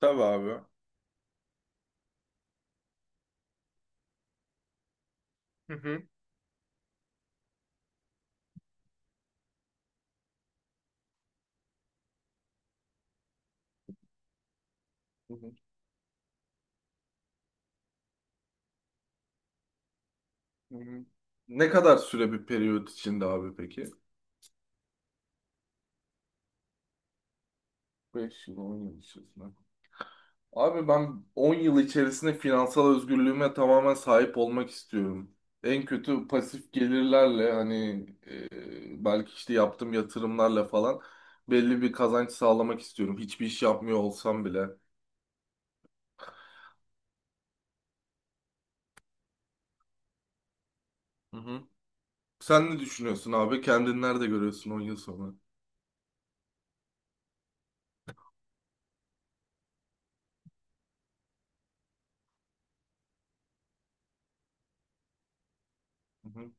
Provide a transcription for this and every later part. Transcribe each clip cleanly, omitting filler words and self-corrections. Tabii abi. Hı hı. Hı hı, hı hı. Ne kadar süre bir periyot içinde abi peki? 5 yıl, 10 yıl içerisinde. Abi ben 10 yıl içerisinde finansal özgürlüğüme tamamen sahip olmak istiyorum. En kötü pasif gelirlerle hani belki işte yaptığım yatırımlarla falan belli bir kazanç sağlamak istiyorum. Hiçbir iş yapmıyor olsam bile. Hı hı. Sen ne düşünüyorsun abi? Kendini nerede görüyorsun 10 yıl sonra? Hı hı,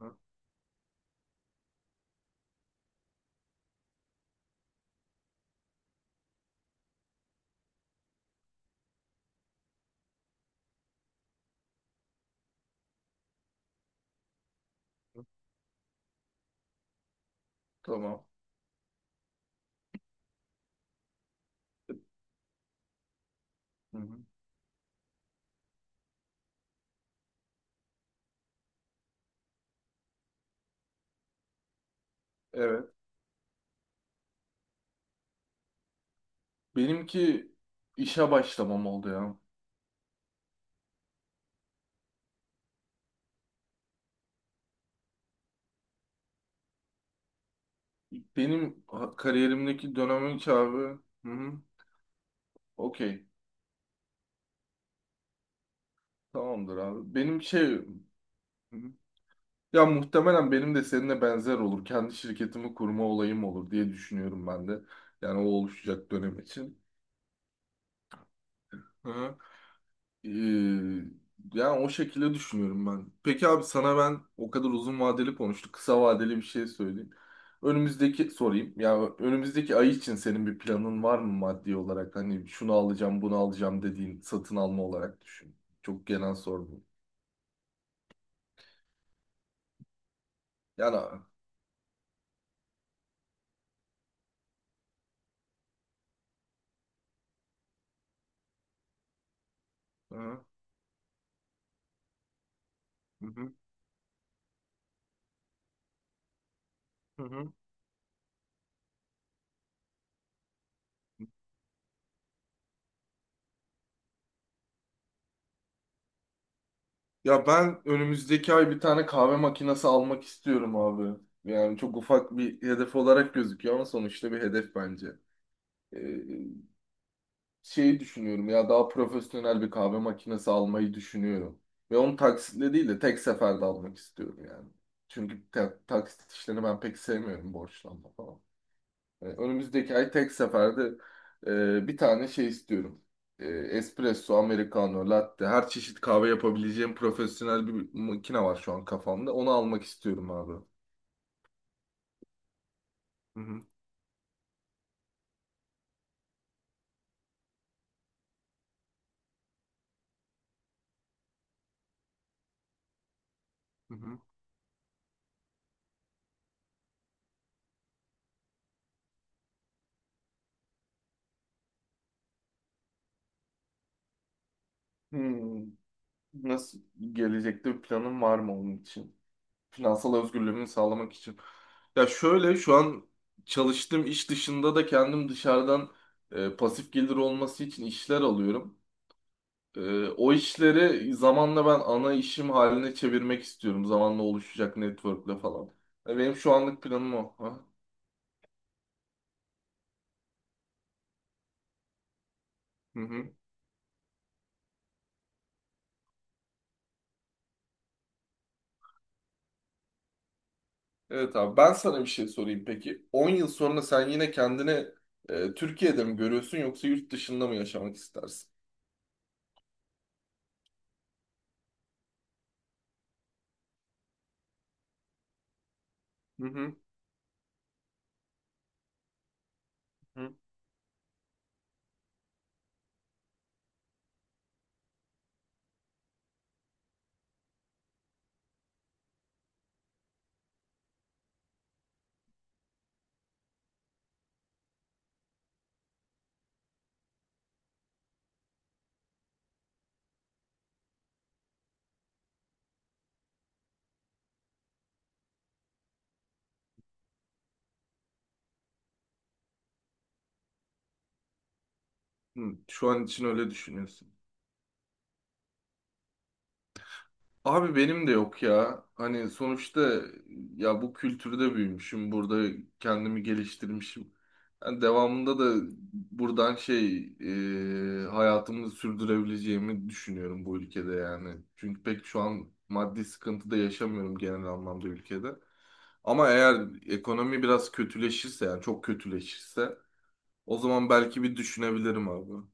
hı. Tamam. Hı hı. Evet. Benimki işe başlamam oldu ya. Benim kariyerimdeki dönemin ki abi. Hı hı. Okey. Tamamdır abi. Benim şey... Hı hı. Ya muhtemelen benim de seninle benzer olur. Kendi şirketimi kurma olayım olur diye düşünüyorum ben de. Yani o oluşacak dönem için. Hı hı. Ee, yani o şekilde düşünüyorum ben. Peki abi sana ben o kadar uzun vadeli konuştuk. Kısa vadeli bir şey söyleyeyim. Önümüzdeki sorayım. Ya önümüzdeki ay için senin bir planın var mı maddi olarak? Hani şunu alacağım, bunu alacağım dediğin satın alma olarak düşün. Çok genel sordum. Yani hı hı, hı hı, hı, hı. Ya ben önümüzdeki ay bir tane kahve makinesi almak istiyorum abi. Yani çok ufak bir hedef olarak gözüküyor ama sonuçta bir hedef bence. Ee, şeyi düşünüyorum ya, daha profesyonel bir kahve makinesi almayı düşünüyorum. Ve onu taksitle değil de tek seferde almak istiyorum yani. Çünkü taksit işlerini ben pek sevmiyorum, borçlanma falan. Önümüzdeki ay tek seferde bir tane şey istiyorum. E, espresso, americano, latte, her çeşit kahve yapabileceğim profesyonel bir makine var şu an kafamda. Onu almak istiyorum abi. Hı hı, hı hı. Hmm. Nasıl, gelecekte bir planın var mı onun için? Finansal özgürlüğümü sağlamak için. Ya şöyle, şu an çalıştığım iş dışında da kendim dışarıdan pasif gelir olması için işler alıyorum. O işleri zamanla ben ana işim haline çevirmek istiyorum. Zamanla oluşacak network'le falan. Benim şu anlık planım o. Ha? Hı hı. Evet abi, ben sana bir şey sorayım peki. 10 yıl sonra sen yine kendini Türkiye'de mi görüyorsun, yoksa yurt dışında mı yaşamak istersin? Hı hı. Hı. Hı, şu an için öyle düşünüyorsun. Abi benim de yok ya. Hani sonuçta ya bu kültürde büyümüşüm. Burada kendimi geliştirmişim. Yani devamında da buradan şey, hayatımı sürdürebileceğimi düşünüyorum bu ülkede yani. Çünkü pek şu an maddi sıkıntıda yaşamıyorum genel anlamda ülkede. Ama eğer ekonomi biraz kötüleşirse, yani çok kötüleşirse, o zaman belki bir düşünebilirim abi.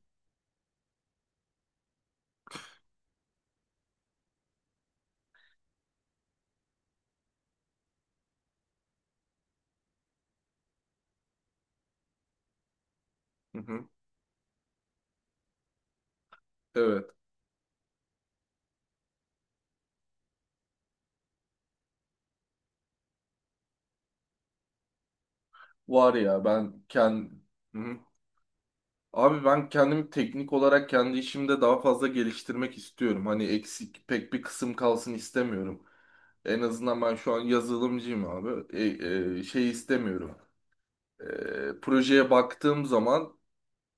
Hı hı. Evet. Var ya, ben kendim. Abi ben kendimi teknik olarak kendi işimde daha fazla geliştirmek istiyorum. Hani eksik pek bir kısım kalsın istemiyorum. En azından ben şu an yazılımcıyım abi. Şey istemiyorum. Projeye baktığım zaman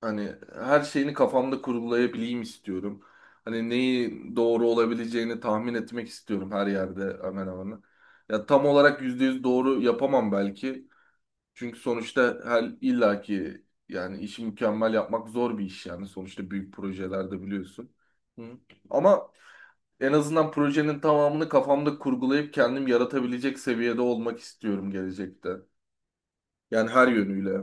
hani her şeyini kafamda kurgulayabileyim istiyorum. Hani neyi doğru olabileceğini tahmin etmek istiyorum her yerde, hemen hemen. Ya tam olarak %100 doğru yapamam belki. Çünkü sonuçta her illaki, yani işi mükemmel yapmak zor bir iş yani. Sonuçta büyük projelerde biliyorsun. Hı. Ama en azından projenin tamamını kafamda kurgulayıp kendim yaratabilecek seviyede olmak istiyorum gelecekte. Yani her yönüyle.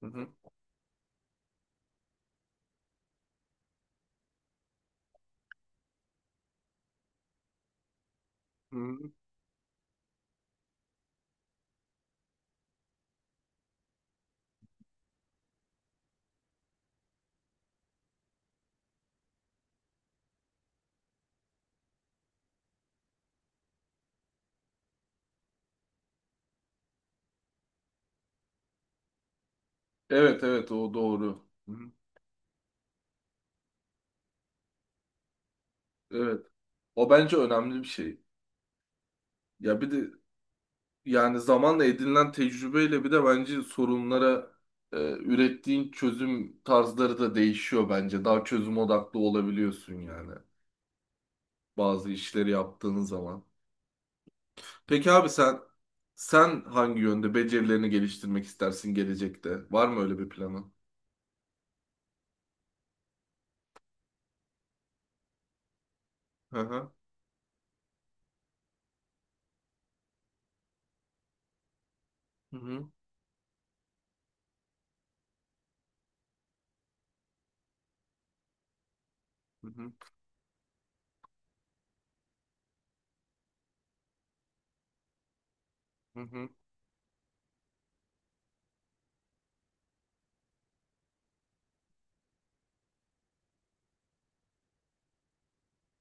Hı hı. Hı. Evet evet, o doğru. Hı, hı. Evet. O bence önemli bir şey. Ya bir de, yani zamanla edinilen tecrübeyle bir de bence sorunlara ürettiğin çözüm tarzları da değişiyor bence. Daha çözüm odaklı olabiliyorsun yani bazı işleri yaptığın zaman. Peki abi sen, hangi yönde becerilerini geliştirmek istersin gelecekte? Var mı öyle bir planın? Hı hı. Hı hı. Hı hı. Hı hı.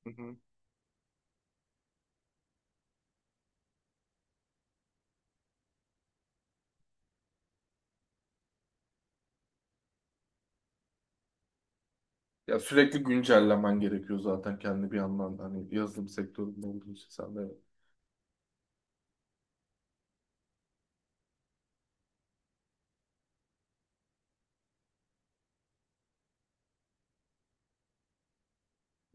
Hı hı. Ya sürekli güncellemen gerekiyor zaten kendi, bir yandan da. Hani yazılım sektöründe olduğu için sen de.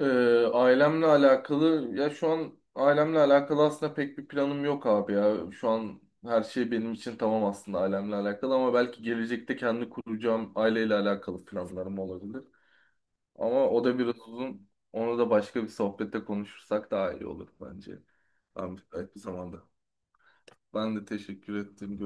Ee, ailemle alakalı, ya şu an ailemle alakalı aslında pek bir planım yok abi ya. Şu an her şey benim için tamam aslında ailemle alakalı, ama belki gelecekte kendi kuracağım aileyle alakalı planlarım olabilir. Ama o da biraz uzun. Onu da başka bir sohbette konuşursak daha iyi olur bence. Ben müsait bir zamanda. Ben de teşekkür ettim.